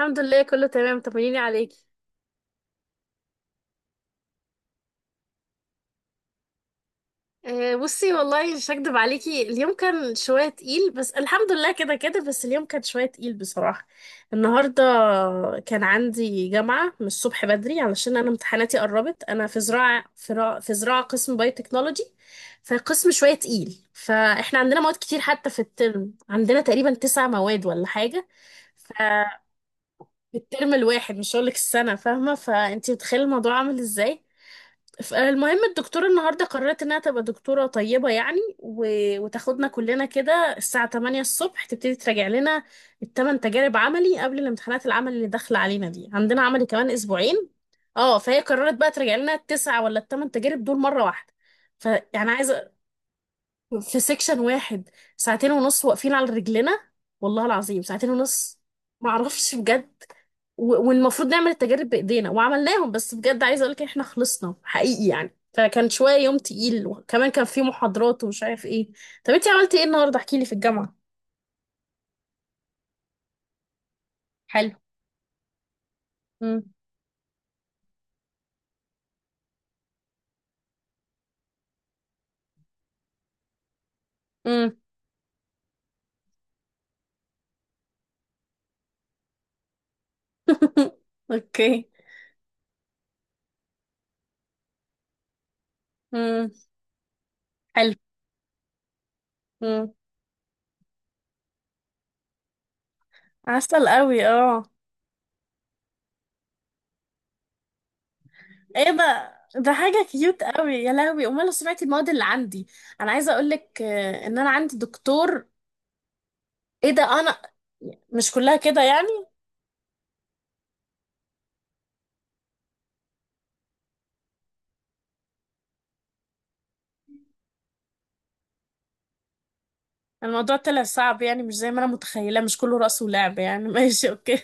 الحمد لله، كله تمام. طمنيني عليكي. أه، بصي والله مش هكدب عليكي، اليوم كان شوية تقيل. بس الحمد لله، كده كده. بس اليوم كان شوية تقيل بصراحة النهاردة. كان عندي جامعة من الصبح بدري، علشان أنا امتحاناتي قربت. أنا في زراعة، في زراعة قسم باي تكنولوجي. فقسم شوية تقيل، فإحنا عندنا مواد كتير. حتى في الترم عندنا تقريبا 9 مواد ولا حاجة. ففي الترم الواحد، مش هقولك السنة، فاهمة؟ فأنتي متخيلة الموضوع عامل ازاي. فالمهم الدكتورة النهاردة قررت انها تبقى دكتورة طيبة يعني، وتاخدنا كلنا كده الساعة 8 الصبح، تبتدي تراجع لنا الثمان تجارب عملي قبل الامتحانات العمل اللي داخلة علينا دي. عندنا عملي كمان اسبوعين. اه، فهي قررت بقى تراجع لنا التسعة ولا الثمان تجارب دول مرة واحدة. فيعني عايزة في سيكشن واحد، ساعتين ونص واقفين على رجلنا. والله العظيم ساعتين ونص، معرفش بجد. والمفروض نعمل التجارب بايدينا، وعملناهم. بس بجد عايزه اقول لك احنا خلصنا حقيقي يعني. فكان شويه يوم تقيل، وكمان كان في محاضرات ومش عارف ايه. طب انتي عملتي ايه النهارده؟ احكي لي في الجامعه. حلو. امم. امم. اوكي. امم. حلو. امم. عسل قوي، اه. ايه بقى؟ ده حاجة كيوت قوي يا لهوي. امال لو سمعتي المواد اللي عندي. انا عايزة اقولك ان انا عندي دكتور. ايه ده؟ انا مش كلها كده يعني. الموضوع طلع صعب يعني، مش زي ما انا متخيلة. مش كله رأس ولعب يعني. ماشي، اوكي.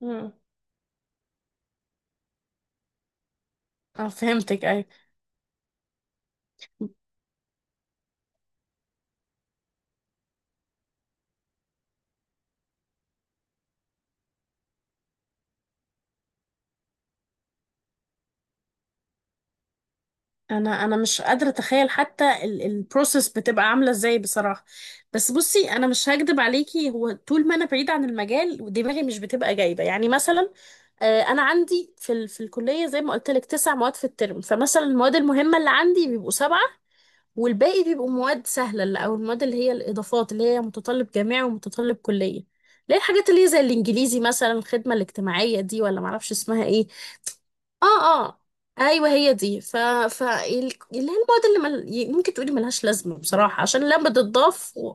مم. اه، فهمتك اي. انا مش قادره اتخيل حتى البروسيس بتبقى عامله ازاي بصراحه. بس بصي، انا مش هكدب عليكي، هو طول ما انا بعيده عن المجال دماغي مش بتبقى جايبه. يعني مثلا، انا عندي في في الكليه، زي ما قلت لك، 9 مواد في الترم. فمثلا المواد المهمه اللي عندي بيبقوا سبعه. والباقي بيبقوا مواد سهله، او المواد اللي هي الاضافات، اللي هي متطلب جامعي ومتطلب كليه. ليه الحاجات اللي هي زي الانجليزي مثلا، الخدمه الاجتماعيه دي، ولا معرفش اسمها ايه. اه، اه. ايوه، هي دي. ف ال- اللي هي المواد ممكن تقولي ملهاش لازمه بصراحه، عشان لما بتضاف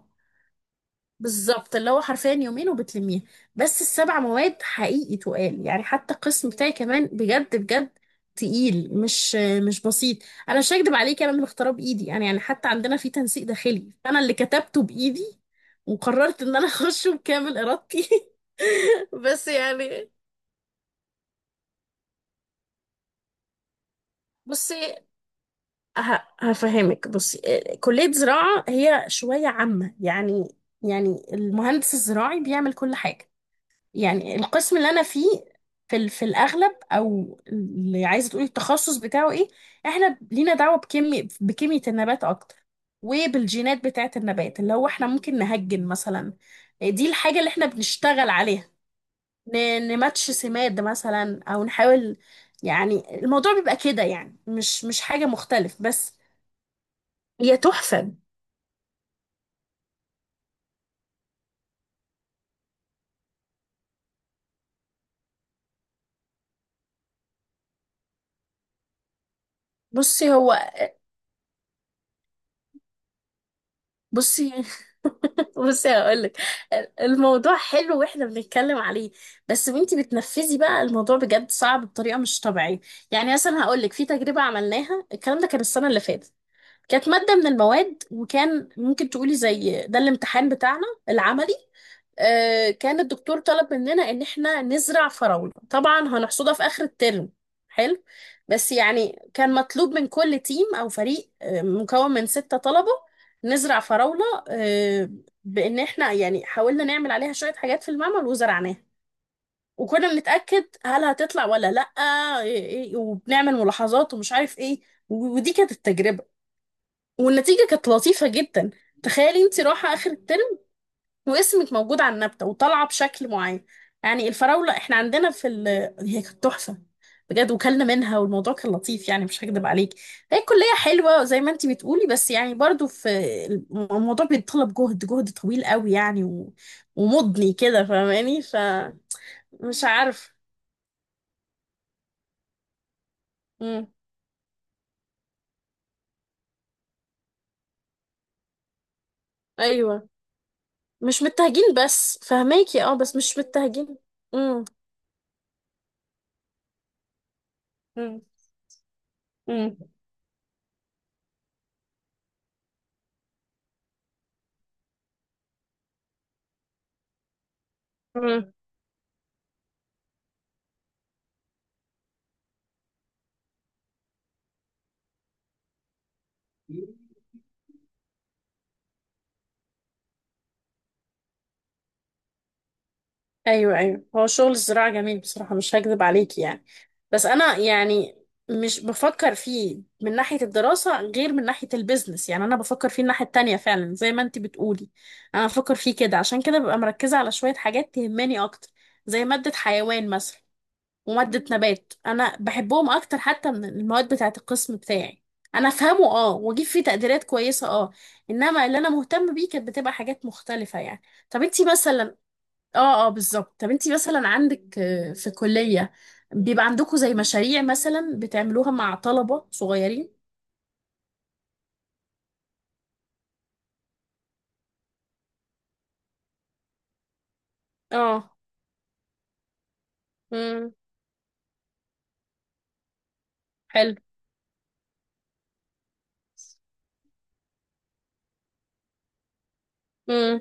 بالظبط، اللي هو حرفيا يومين وبتلميها. بس السبع مواد حقيقي تقال يعني. حتى القسم بتاعي كمان، بجد بجد تقيل، مش بسيط. انا مش هكدب عليك، انا اللي مختاره بايدي يعني حتى عندنا في تنسيق داخلي، انا اللي كتبته بايدي. وقررت ان انا اخشه بكامل ارادتي. بس يعني بصي، هفهمك. بصي، كلية زراعة هي شوية عامة يعني. يعني المهندس الزراعي بيعمل كل حاجة. يعني القسم اللي أنا فيه، في الأغلب، أو اللي عايزة تقولي التخصص بتاعه إيه، إحنا لينا دعوة بكيمياء النبات أكتر. وبالجينات بتاعة النبات. اللي هو إحنا ممكن نهجن مثلا. دي الحاجة اللي إحنا بنشتغل عليها. نماتش سماد مثلا، أو نحاول. يعني الموضوع بيبقى كده يعني، مش حاجة مختلف بس. هي تحفة. بصي هو بصي. بصي هقولك، الموضوع حلو واحنا بنتكلم عليه. بس وانتي بتنفذي بقى، الموضوع بجد صعب بطريقة مش طبيعية. يعني مثلا هقولك، في تجربة عملناها، الكلام ده كان السنة اللي فاتت. كانت مادة من المواد، وكان ممكن تقولي زي ده الامتحان بتاعنا العملي. كان الدكتور طلب مننا ان احنا نزرع فراولة، طبعا هنحصدها في اخر الترم. حلو. بس يعني كان مطلوب من كل تيم او فريق مكون من 6 طلبة، نزرع فراولة. آه، بان احنا يعني حاولنا نعمل عليها شوية حاجات في المعمل، وزرعناها. وكنا بنتأكد هل هتطلع ولا لأ. إيه- إيه، وبنعمل ملاحظات ومش عارف ايه. ودي كانت التجربة. والنتيجة كانت لطيفة جدا. تخيلي انت رايحة آخر الترم، واسمك موجود على النبتة وطالعة بشكل معين. يعني الفراولة احنا عندنا في هي كانت تحفة بجد، وكلنا منها، والموضوع كان لطيف يعني. مش هكدب عليك، هي الكلية حلوة زي ما انت بتقولي، بس يعني برضو في الموضوع بيتطلب جهد، جهد طويل قوي يعني. ومضني كده، فاهماني؟ فمش عارف. مم. ايوه، مش متهجين. بس فهماكي، اه، بس مش متهجين. امم. امم. ايوه، ايوه. هو شغل الزراعه جميل بصراحه، مش هكذب عليك يعني. بس انا يعني مش بفكر فيه من ناحيه الدراسه، غير من ناحيه البيزنس. يعني انا بفكر فيه الناحيه التانية فعلا، زي ما انت بتقولي. انا بفكر فيه كده، عشان كده ببقى مركزه على شويه حاجات تهمني اكتر. زي ماده حيوان مثلا، وماده نبات، انا بحبهم اكتر حتى من المواد بتاعه القسم بتاعي. انا افهمه اه، واجيب فيه تقديرات كويسه اه. انما اللي انا مهتم بيه كانت بتبقى حاجات مختلفه يعني. طب انتي مثلا، اه اه، بالظبط. طب انتي مثلا عندك في كلية، بيبقى عندكم زي مشاريع مثلا بتعملوها مع طلبة صغيرين؟ اه. امم. حلو. امم.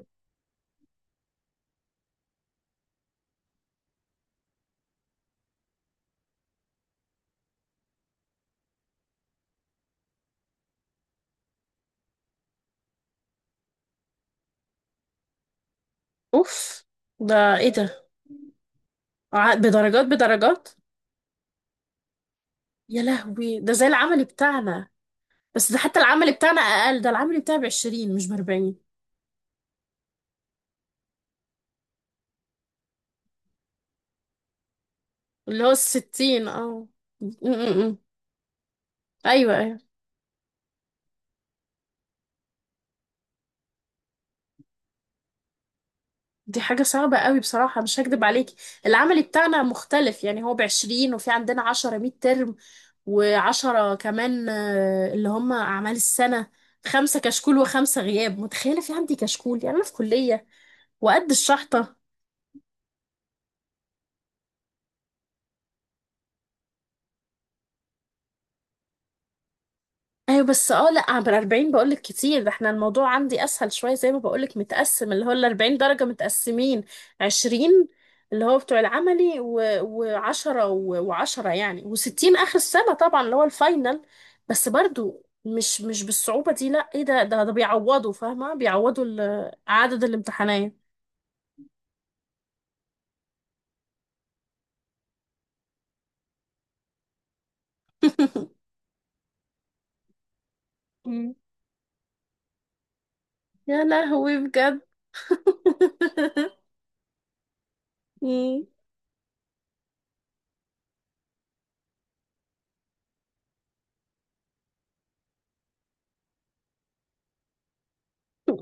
اوف، ده ايه ده؟ بدرجات؟ بدرجات؟ يا لهوي، ده زي العمل بتاعنا. بس ده حتى العمل بتاعنا اقل، ده العمل بتاعي ب 20 مش ب 40. اللي هو الستين، اه. م- م- م. ايوه، ايوه. دي حاجة صعبة قوي بصراحة، مش هكدب عليكي. العمل بتاعنا مختلف يعني، هو ب20، وفي عندنا 10 ميد ترم. و10 كمان اللي هم أعمال السنة. 5 كشكول و5 غياب. متخيلة في عندي كشكول؟ يعني أنا في كلية وقد الشحطة. ايوه بس اه، لا، عبر 40 بقولك كتير. ده احنا الموضوع عندي اسهل شويه، زي ما بقولك متقسم. اللي هو ال 40 درجه متقسمين، 20 اللي هو بتوع العملي، و10 و10 يعني. و60 اخر السنه طبعا، اللي هو الفاينل. بس برضو مش بالصعوبه دي، لا. ايه ده بيعوضوا، فاهمه؟ بيعوضوا عدد الامتحانات. مم. يا لهوي، بجد. مم.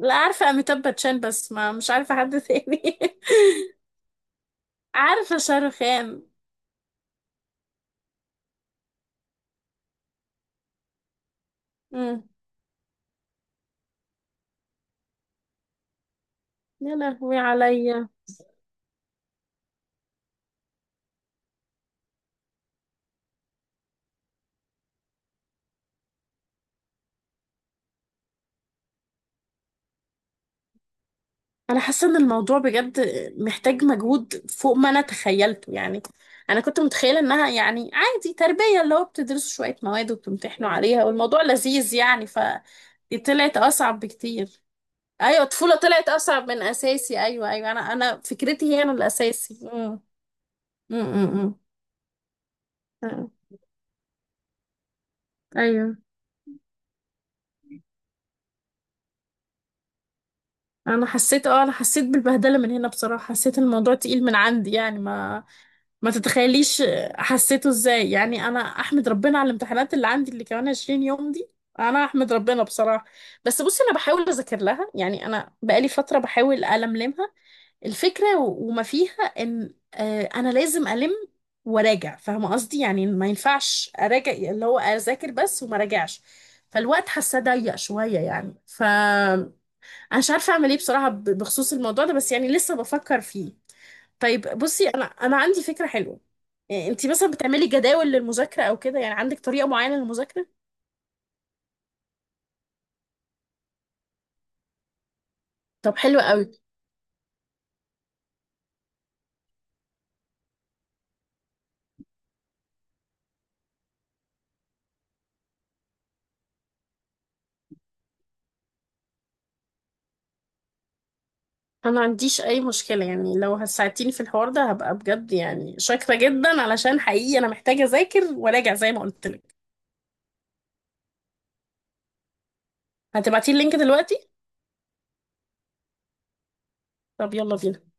لا، عارفه اميتاب باتشان، بس ما مش عارفه حد تاني. عارفة شاروخان. امم. يا لهوي عليا. انا حاسة ان الموضوع بجد محتاج مجهود فوق ما انا تخيلته يعني. انا كنت متخيلة انها يعني عادي تربية، اللي هو بتدرسوا شوية مواد وبتمتحنوا عليها والموضوع لذيذ يعني ف طلعت اصعب بكتير. ايوه، الطفولة طلعت اصعب من اساسي. ايوه، ايوه. انا فكرتي هي انا الاساسي. امم. امم. امم. ايوه. انا حسيت بالبهدلة من هنا بصراحة. حسيت الموضوع تقيل من عندي يعني، ما تتخيليش حسيته ازاي يعني. انا احمد ربنا على الامتحانات اللي عندي، اللي كمان 20 يوم دي. انا احمد ربنا بصراحه. بس بصي انا بحاول اذاكر لها يعني، انا بقالي فتره بحاول الملمها. الفكره وما فيها، ان انا لازم الم وراجع، فاهمه قصدي؟ يعني ما ينفعش اراجع اللي هو اذاكر بس وما راجعش. فالوقت حاسه ضيق شويه يعني. ف انا مش عارفه اعمل ايه بصراحه بخصوص الموضوع ده، بس يعني لسه بفكر فيه. طيب بصي، انا عندي فكره حلوه. يعني انت مثلا بتعملي جداول للمذاكره او كده؟ يعني عندك طريقه معينه للمذاكره؟ طب حلو قوي. انا ما عنديش اي مشكله يعني. لو هساعدتيني في الحوار ده، هبقى بجد يعني شاكره جدا، علشان حقيقي انا محتاجه اذاكر وراجع زي ما قلت لك. هتبعتي اللينك دلوقتي؟ طب يلا بينا.